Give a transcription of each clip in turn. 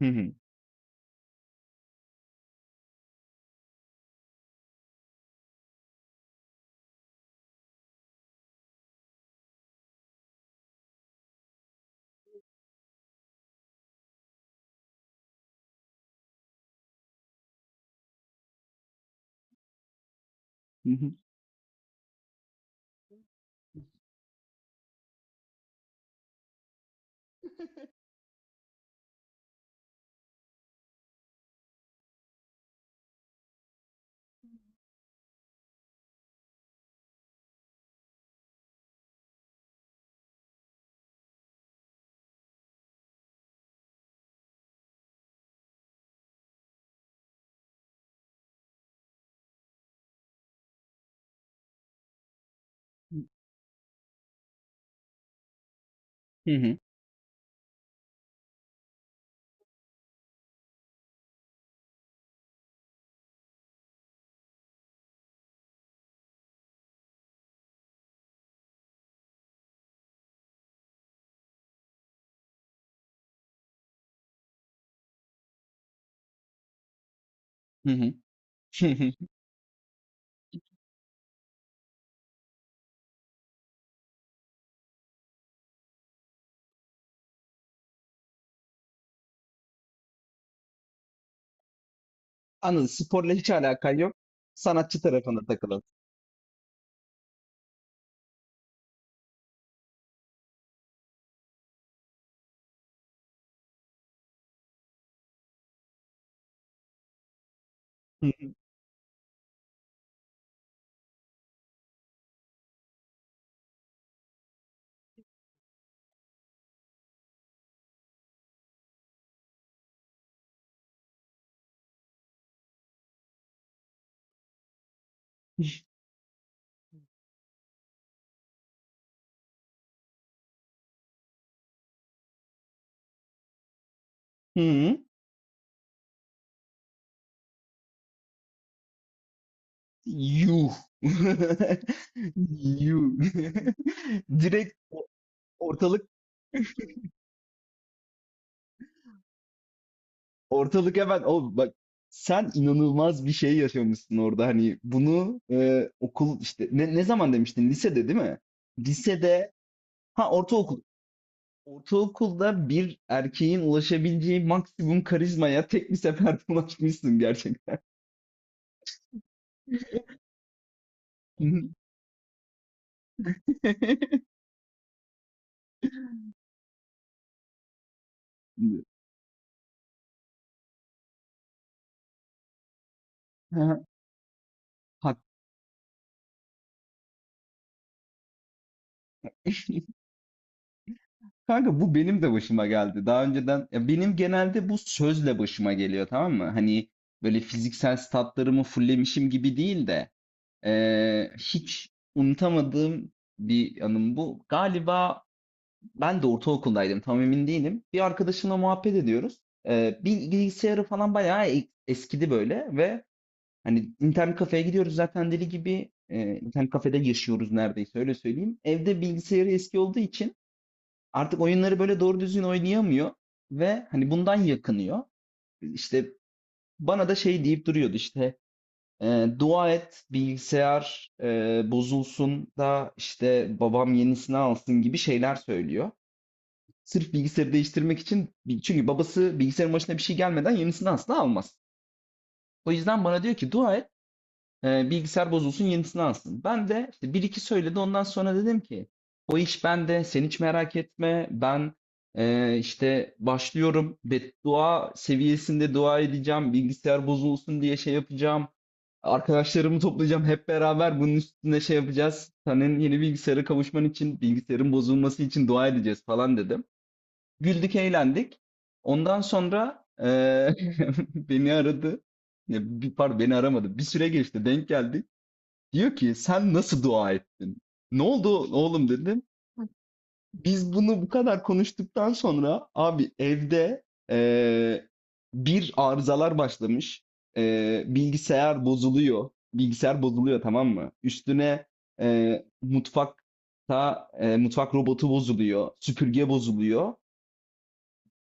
Hı hı. Hı hı. Hı hı. Hı hı. Hı hı. Anladım. Sporla hiç alakan yok. Sanatçı tarafında takılalım. Hı hı. Hı hı. Yuh. Yuh. Direkt o- ortalık ortalık hemen o, bak sen inanılmaz bir şey yaşamışsın orada. Hani bunu okul, işte ne, ne zaman demiştin, lisede değil mi? Lisede ha ortaokul. Ortaokulda bir erkeğin ulaşabileceği maksimum karizmaya tek bir seferde ulaşmışsın gerçekten. Ha, hak- Kanka, bu benim de başıma geldi. Daha önceden, ya benim genelde bu sözle başıma geliyor, tamam mı? Hani böyle fiziksel statlarımı fullemişim gibi değil de hiç unutamadığım bir anım bu. Galiba ben de ortaokuldaydım, tam emin değilim. Bir arkadaşımla muhabbet ediyoruz. Bilgisayarı falan bayağı eskidi böyle ve hani internet kafeye gidiyoruz zaten, deli gibi, internet kafede yaşıyoruz neredeyse, öyle söyleyeyim. Evde bilgisayarı eski olduğu için artık oyunları böyle doğru düzgün oynayamıyor ve hani bundan yakınıyor. İşte bana da şey deyip duruyordu işte, dua et bilgisayar bozulsun da işte babam yenisini alsın, gibi şeyler söylüyor. Sırf bilgisayarı değiştirmek için, çünkü babası bilgisayarın başına bir şey gelmeden yenisini asla almaz. O yüzden bana diyor ki, dua et bilgisayar bozulsun, yenisini alsın. Ben de işte bir iki söyledi, ondan sonra dedim ki o iş bende, sen hiç merak etme, ben işte başlıyorum, beddua seviyesinde dua edeceğim bilgisayar bozulsun diye, şey yapacağım. Arkadaşlarımı toplayacağım, hep beraber bunun üstüne şey yapacağız. Senin yeni bilgisayara kavuşman için, bilgisayarın bozulması için dua edeceğiz falan dedim. Güldük, eğlendik. Ondan sonra, beni aradı. Ya, bir pardon, beni aramadı. Bir süre geçti, denk geldi. Diyor ki, "Sen nasıl dua ettin? Ne oldu oğlum?" dedim. Biz bunu bu kadar konuştuktan sonra abi evde, eee, bir arızalar başlamış. Bilgisayar bozuluyor. Bilgisayar bozuluyor, tamam mı? Üstüne, mutfakta, mutfak robotu bozuluyor, süpürge bozuluyor.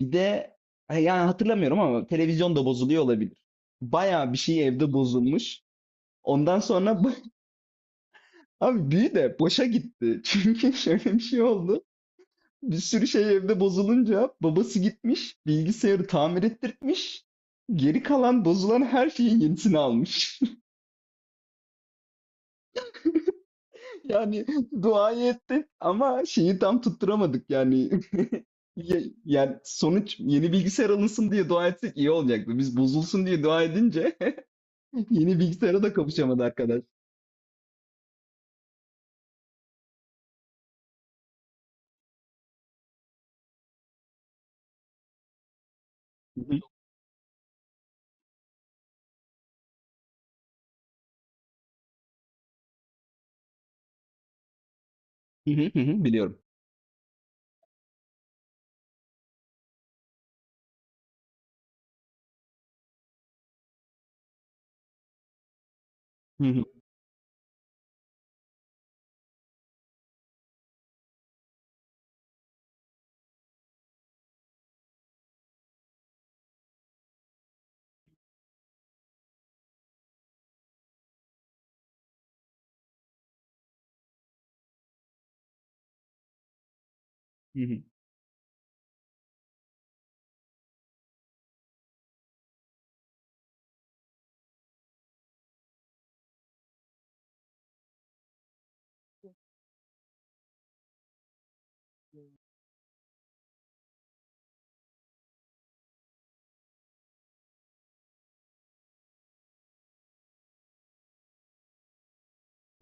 Bir de ha, yani hatırlamıyorum ama televizyon da bozuluyor olabilir. Bayağı bir şey evde bozulmuş. Ondan sonra ba- abi büyü de boşa gitti. Çünkü şöyle bir şey oldu. Bir sürü şey evde bozulunca babası gitmiş, bilgisayarı tamir ettirtmiş. Geri kalan bozulan her şeyin yenisini almış. Yani duayı ettik ama şeyi tam tutturamadık yani. Yani sonuç, yeni bilgisayar alınsın diye dua etsek iyi olacaktı. Biz bozulsun diye dua edince yeni bilgisayara da kavuşamadı arkadaş. Hı hı, hı hı, hı hı, biliyorum. Hı hı, hı hı,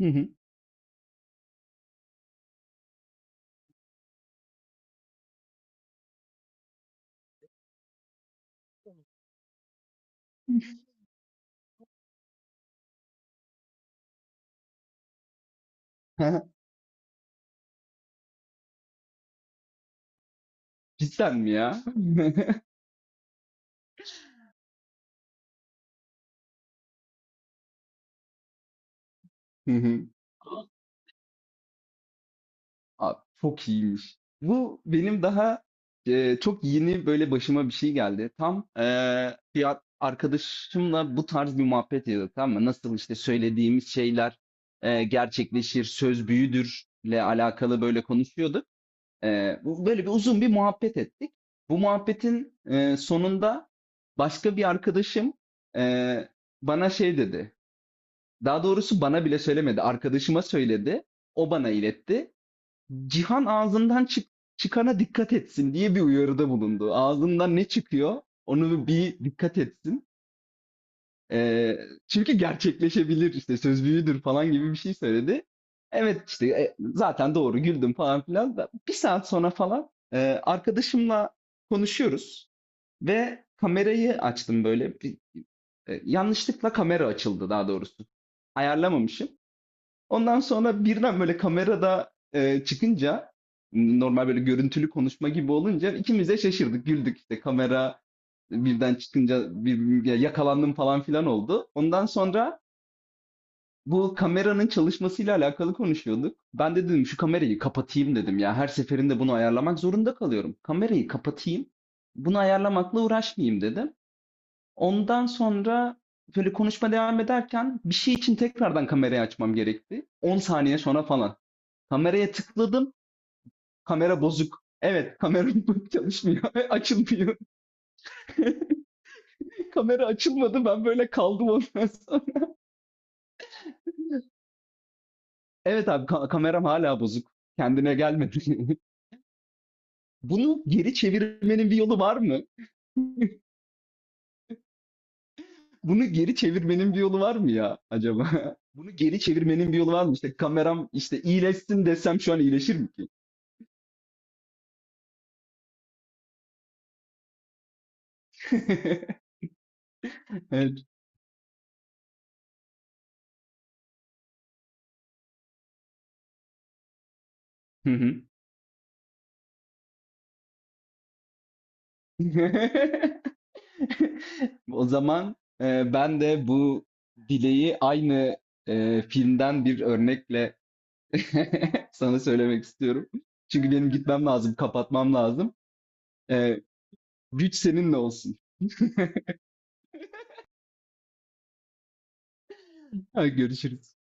hı hı. Cidden mi ya? Hı hı. Abi, çok iyiymiş. Bu benim daha çok yeni böyle başıma bir şey geldi. Tam bir arkadaşımla bu tarz bir muhabbet ediyorduk, tamam mı? Nasıl işte söylediğimiz şeyler gerçekleşir, söz büyüdürle alakalı böyle konuşuyorduk. Bu böyle bir uzun bir muhabbet ettik. Bu muhabbetin sonunda başka bir arkadaşım e, bana şey dedi. Daha doğrusu bana bile söylemedi, arkadaşıma söyledi. O bana iletti. Cihan ağzından çıkana dikkat etsin diye bir uyarıda bulundu. Ağzından ne çıkıyor, onu bir dikkat etsin. Çünkü gerçekleşebilir, işte söz büyüdür falan gibi bir şey söyledi. Evet işte, zaten doğru, güldüm falan filan. Da. Bir saat sonra falan arkadaşımla konuşuyoruz ve kamerayı açtım böyle. Bir, yanlışlıkla kamera açıldı daha doğrusu. Ayarlamamışım. Ondan sonra birden böyle kamerada çıkınca, normal böyle görüntülü konuşma gibi olunca, ikimiz de şaşırdık, güldük. İşte kamera birden çıkınca bir, ya yakalandım falan filan oldu. Ondan sonra bu kameranın çalışmasıyla alakalı konuşuyorduk. Ben de dedim şu kamerayı kapatayım dedim ya. Her seferinde bunu ayarlamak zorunda kalıyorum. Kamerayı kapatayım, bunu ayarlamakla uğraşmayayım dedim. Ondan sonra böyle konuşma devam ederken bir şey için tekrardan kamerayı açmam gerekti. 10 saniye sonra falan. Kameraya tıkladım. Kamera bozuk. Evet, kamera çalışmıyor. Açılmıyor. Kamera açılmadı. Ben böyle kaldım ondan sonra. Evet abi, kameram hala bozuk. Kendine gelmedi. Bunu geri çevirmenin bir yolu var mı? Bunu geri çevirmenin bir yolu var mı ya acaba? Bunu geri çevirmenin bir yolu var mı? İşte kameram işte iyileşsin desem şu an iyileşir mi ki? Evet. Hı hı. O zaman ben de bu dileği aynı filmden bir örnekle sana söylemek istiyorum. Çünkü benim gitmem lazım, kapatmam lazım. E, güç seninle olsun. Görüşürüz.